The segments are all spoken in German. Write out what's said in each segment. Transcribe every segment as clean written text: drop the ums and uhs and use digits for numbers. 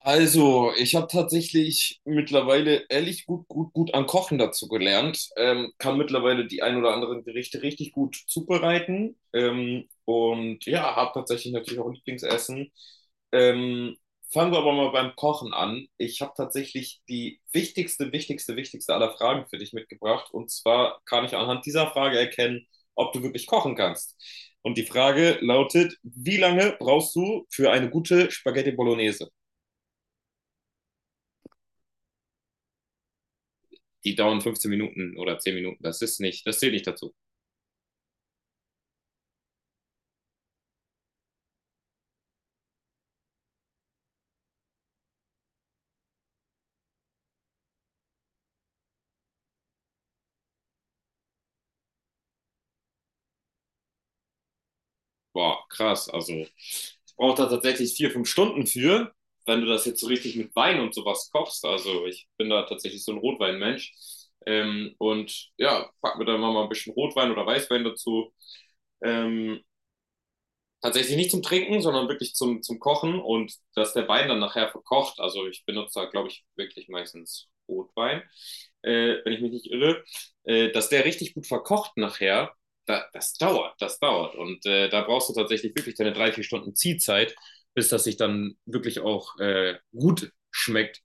Also, ich habe tatsächlich mittlerweile ehrlich gut an Kochen dazu gelernt. Kann mittlerweile die ein oder anderen Gerichte richtig gut zubereiten. Und ja, habe tatsächlich natürlich auch Lieblingsessen. Ähm, Fangen wir aber mal beim Kochen an. Ich habe tatsächlich die wichtigste aller Fragen für dich mitgebracht. Und zwar kann ich anhand dieser Frage erkennen, ob du wirklich kochen kannst. Und die Frage lautet, wie lange brauchst du für eine gute Spaghetti Bolognese? Die dauern 15 Minuten oder 10 Minuten. Das zählt nicht dazu. Boah, krass. Also, ich brauche da tatsächlich vier, fünf Stunden für, wenn du das jetzt so richtig mit Wein und sowas kochst. Also, ich bin da tatsächlich so ein Rotweinmensch. Und ja, pack mir dann mal ein bisschen Rotwein oder Weißwein dazu. Ähm, Tatsächlich nicht zum Trinken, sondern wirklich zum Kochen und dass der Wein dann nachher verkocht. Also ich benutze da, glaube ich, wirklich meistens Rotwein, wenn ich mich nicht irre, dass der richtig gut verkocht nachher. Das dauert, das dauert. Und da brauchst du tatsächlich wirklich deine drei, vier Stunden Ziehzeit, bis das sich dann wirklich auch gut schmeckt.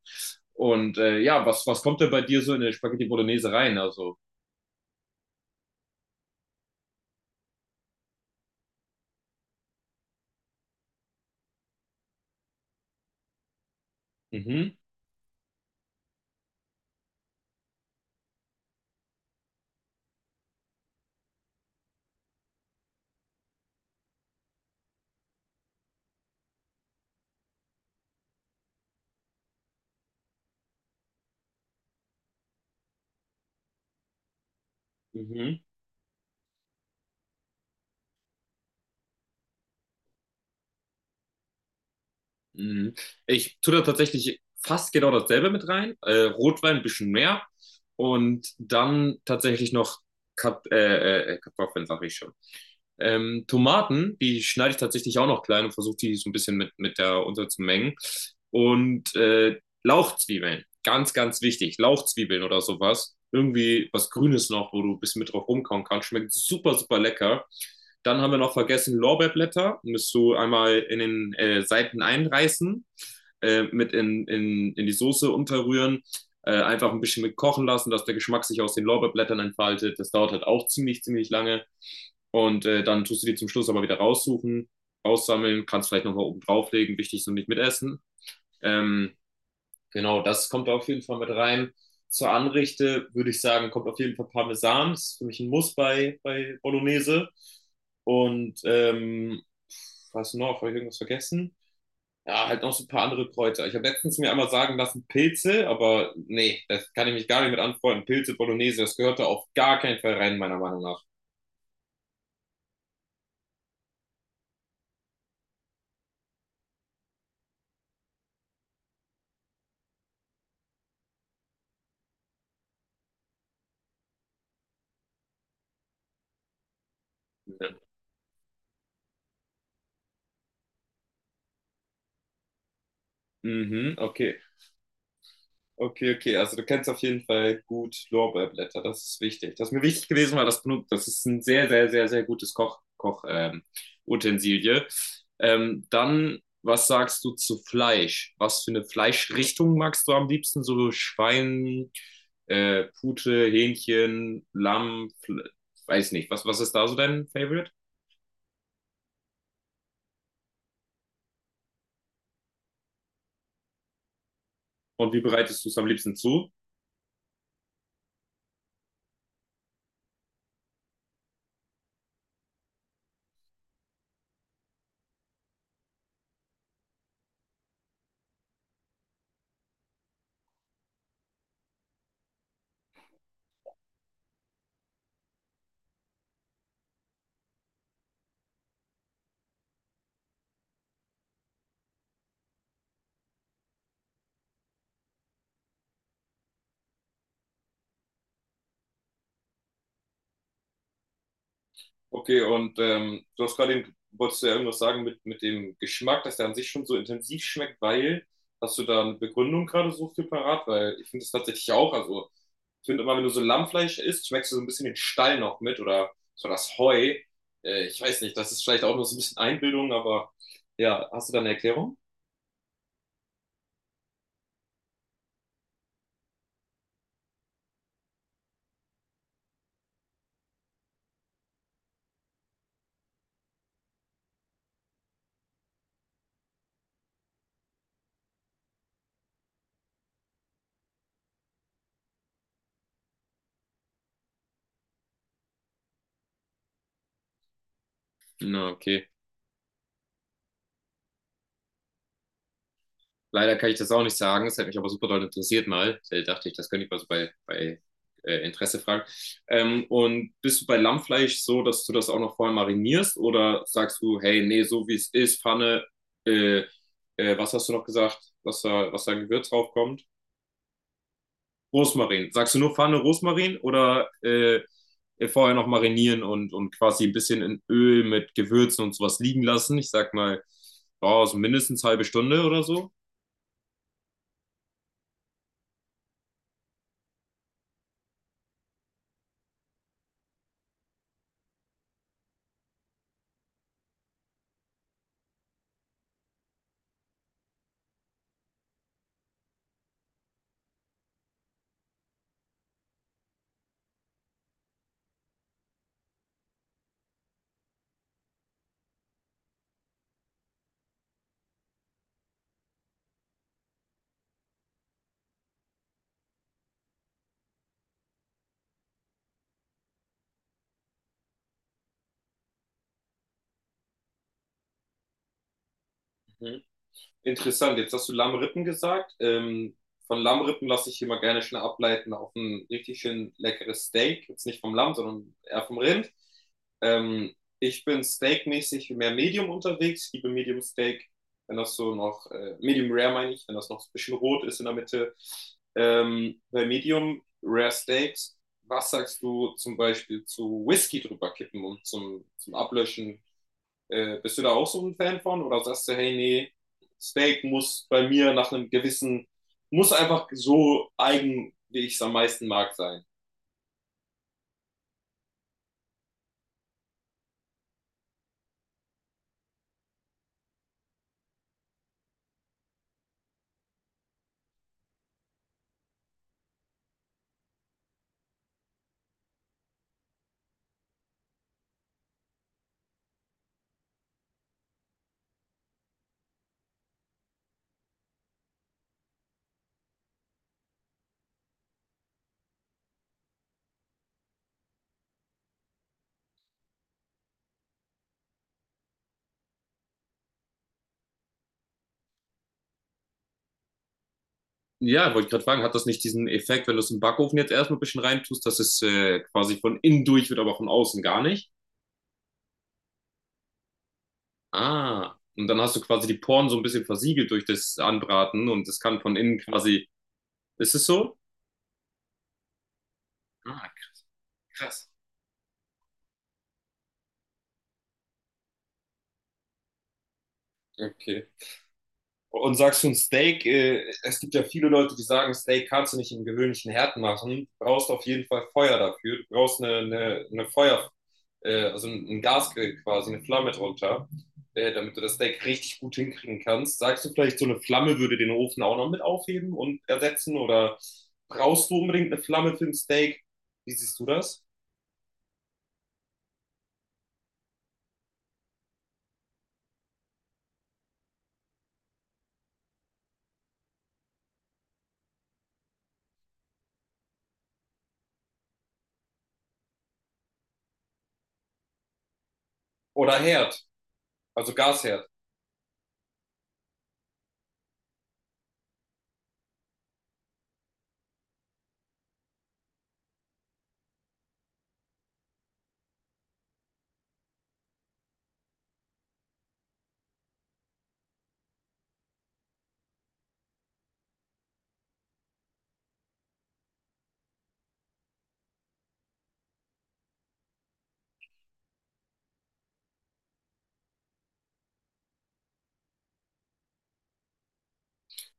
Und ja, was kommt denn bei dir so in eine Spaghetti Bolognese rein? Also, mhm, mhm. Mhm. Ich tue da tatsächlich fast genau dasselbe mit rein. Rotwein ein bisschen mehr und dann tatsächlich noch Kat Kartoffeln, sag ich schon. Tomaten, die schneide ich tatsächlich auch noch klein und versuche die so ein bisschen mit der unterzumengen. Und Lauchzwiebeln, ganz wichtig. Lauchzwiebeln oder sowas. Irgendwie was Grünes noch, wo du ein bisschen mit drauf rumkauen kannst. Schmeckt super lecker. Dann haben wir noch vergessen Lorbeerblätter. Müsst du einmal in den Seiten einreißen, mit in die Soße unterrühren, einfach ein bisschen mit kochen lassen, dass der Geschmack sich aus den Lorbeerblättern entfaltet. Das dauert halt auch ziemlich lange. Und dann tust du die zum Schluss aber wieder raussuchen, aussammeln, kannst vielleicht nochmal oben drauflegen. Wichtig ist nur nicht mitessen. Ähm, Genau, das kommt auf jeden Fall mit rein. Zur Anrichte würde ich sagen, kommt auf jeden Fall Parmesan. Ist für mich ein Muss bei Bolognese. Und was noch? Habe ich irgendwas vergessen? Ja, halt noch so ein paar andere Kräuter. Ich habe letztens mir einmal sagen lassen, Pilze, aber nee, das kann ich mich gar nicht mit anfreunden. Pilze, Bolognese, das gehört da auf gar keinen Fall rein, meiner Meinung nach. Mhm, okay. Okay, okay, also du kennst auf jeden Fall gut Lorbeerblätter, das ist wichtig. Das ist mir wichtig gewesen, weil das benutzt, das ist ein sehr gutes Koch Utensilie. Dann, was sagst du zu Fleisch? Was für eine Fleischrichtung magst du am liebsten? So Schwein, Pute, Hähnchen, Lamm, weiß nicht. Was ist da so dein Favorite? Und wie bereitest du es am liebsten zu? Okay, und du hast gerade, wolltest du ja irgendwas sagen mit dem Geschmack, dass der an sich schon so intensiv schmeckt, weil, hast du da eine Begründung gerade so für parat? Weil ich finde das tatsächlich auch, also ich finde immer, wenn du so Lammfleisch isst, schmeckst du so ein bisschen den Stall noch mit oder so das Heu. Ich weiß nicht, das ist vielleicht auch nur so ein bisschen Einbildung, aber ja, hast du da eine Erklärung? Na, okay. Leider kann ich das auch nicht sagen. Es hat mich aber super doll interessiert mal. Da dachte ich, das könnte ich mal so bei Interesse fragen. Und bist du bei Lammfleisch so, dass du das auch noch vorher marinierst oder sagst du, hey, nee, so wie es ist, Pfanne, äh, was hast du noch gesagt, was da ein Gewürz draufkommt? Rosmarin. Sagst du nur Pfanne Rosmarin oder vorher noch marinieren und quasi ein bisschen in Öl mit Gewürzen und sowas liegen lassen? Ich sag mal, oh, so mindestens eine halbe Stunde oder so. Interessant, jetzt hast du Lammrippen gesagt. Von Lammrippen lasse ich immer gerne schnell ableiten auf ein richtig schön leckeres Steak. Jetzt nicht vom Lamm, sondern eher vom Rind. Ähm, Ich bin steakmäßig mehr Medium unterwegs. Ich liebe Medium Steak, wenn das so noch, Medium Rare meine ich, wenn das noch so ein bisschen rot ist in der Mitte. Bei Medium Rare Steaks, was sagst du zum Beispiel zu Whisky drüber kippen und zum Ablöschen bist du da auch so ein Fan von oder sagst du, hey, nee, Steak muss bei mir nach einem gewissen, muss einfach so eigen, wie ich es am meisten mag, sein? Ja, wollte ich gerade fragen, hat das nicht diesen Effekt, wenn du es im Backofen jetzt erstmal ein bisschen reintust, dass es quasi von innen durch wird, aber von außen gar nicht? Ah, und dann hast du quasi die Poren so ein bisschen versiegelt durch das Anbraten und es kann von innen quasi. Ist es so? Ah, krass. Krass. Okay. Und sagst du ein Steak, es gibt ja viele Leute, die sagen, Steak kannst du nicht im gewöhnlichen Herd machen, du brauchst auf jeden Fall Feuer dafür, du brauchst eine Feuer, also ein Gasgrill quasi, eine Flamme drunter, damit du das Steak richtig gut hinkriegen kannst. Sagst du vielleicht, so eine Flamme würde den Ofen auch noch mit aufheben und ersetzen oder brauchst du unbedingt eine Flamme für ein Steak? Wie siehst du das? Oder Herd, also Gasherd.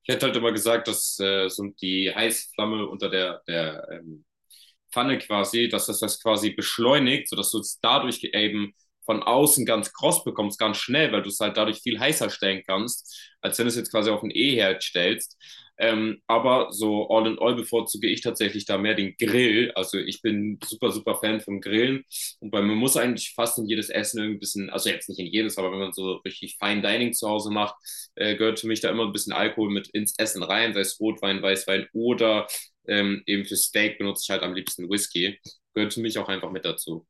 Ich hätte halt immer gesagt, dass so die Heißflamme unter der Pfanne quasi, dass das quasi beschleunigt, sodass du es dadurch eben von außen ganz kross bekommst, ganz schnell, weil du es halt dadurch viel heißer stellen kannst, als wenn du es jetzt quasi auf ein E-Herd stellst. Aber so all in all bevorzuge ich tatsächlich da mehr den Grill. Also ich bin super Fan vom Grillen. Und bei mir muss eigentlich fast in jedes Essen irgendwie ein bisschen, also jetzt nicht in jedes, aber wenn man so richtig Fine Dining zu Hause macht, gehört für mich da immer ein bisschen Alkohol mit ins Essen rein, sei es Rotwein, Weißwein oder eben für Steak benutze ich halt am liebsten Whisky. Gehört für mich auch einfach mit dazu.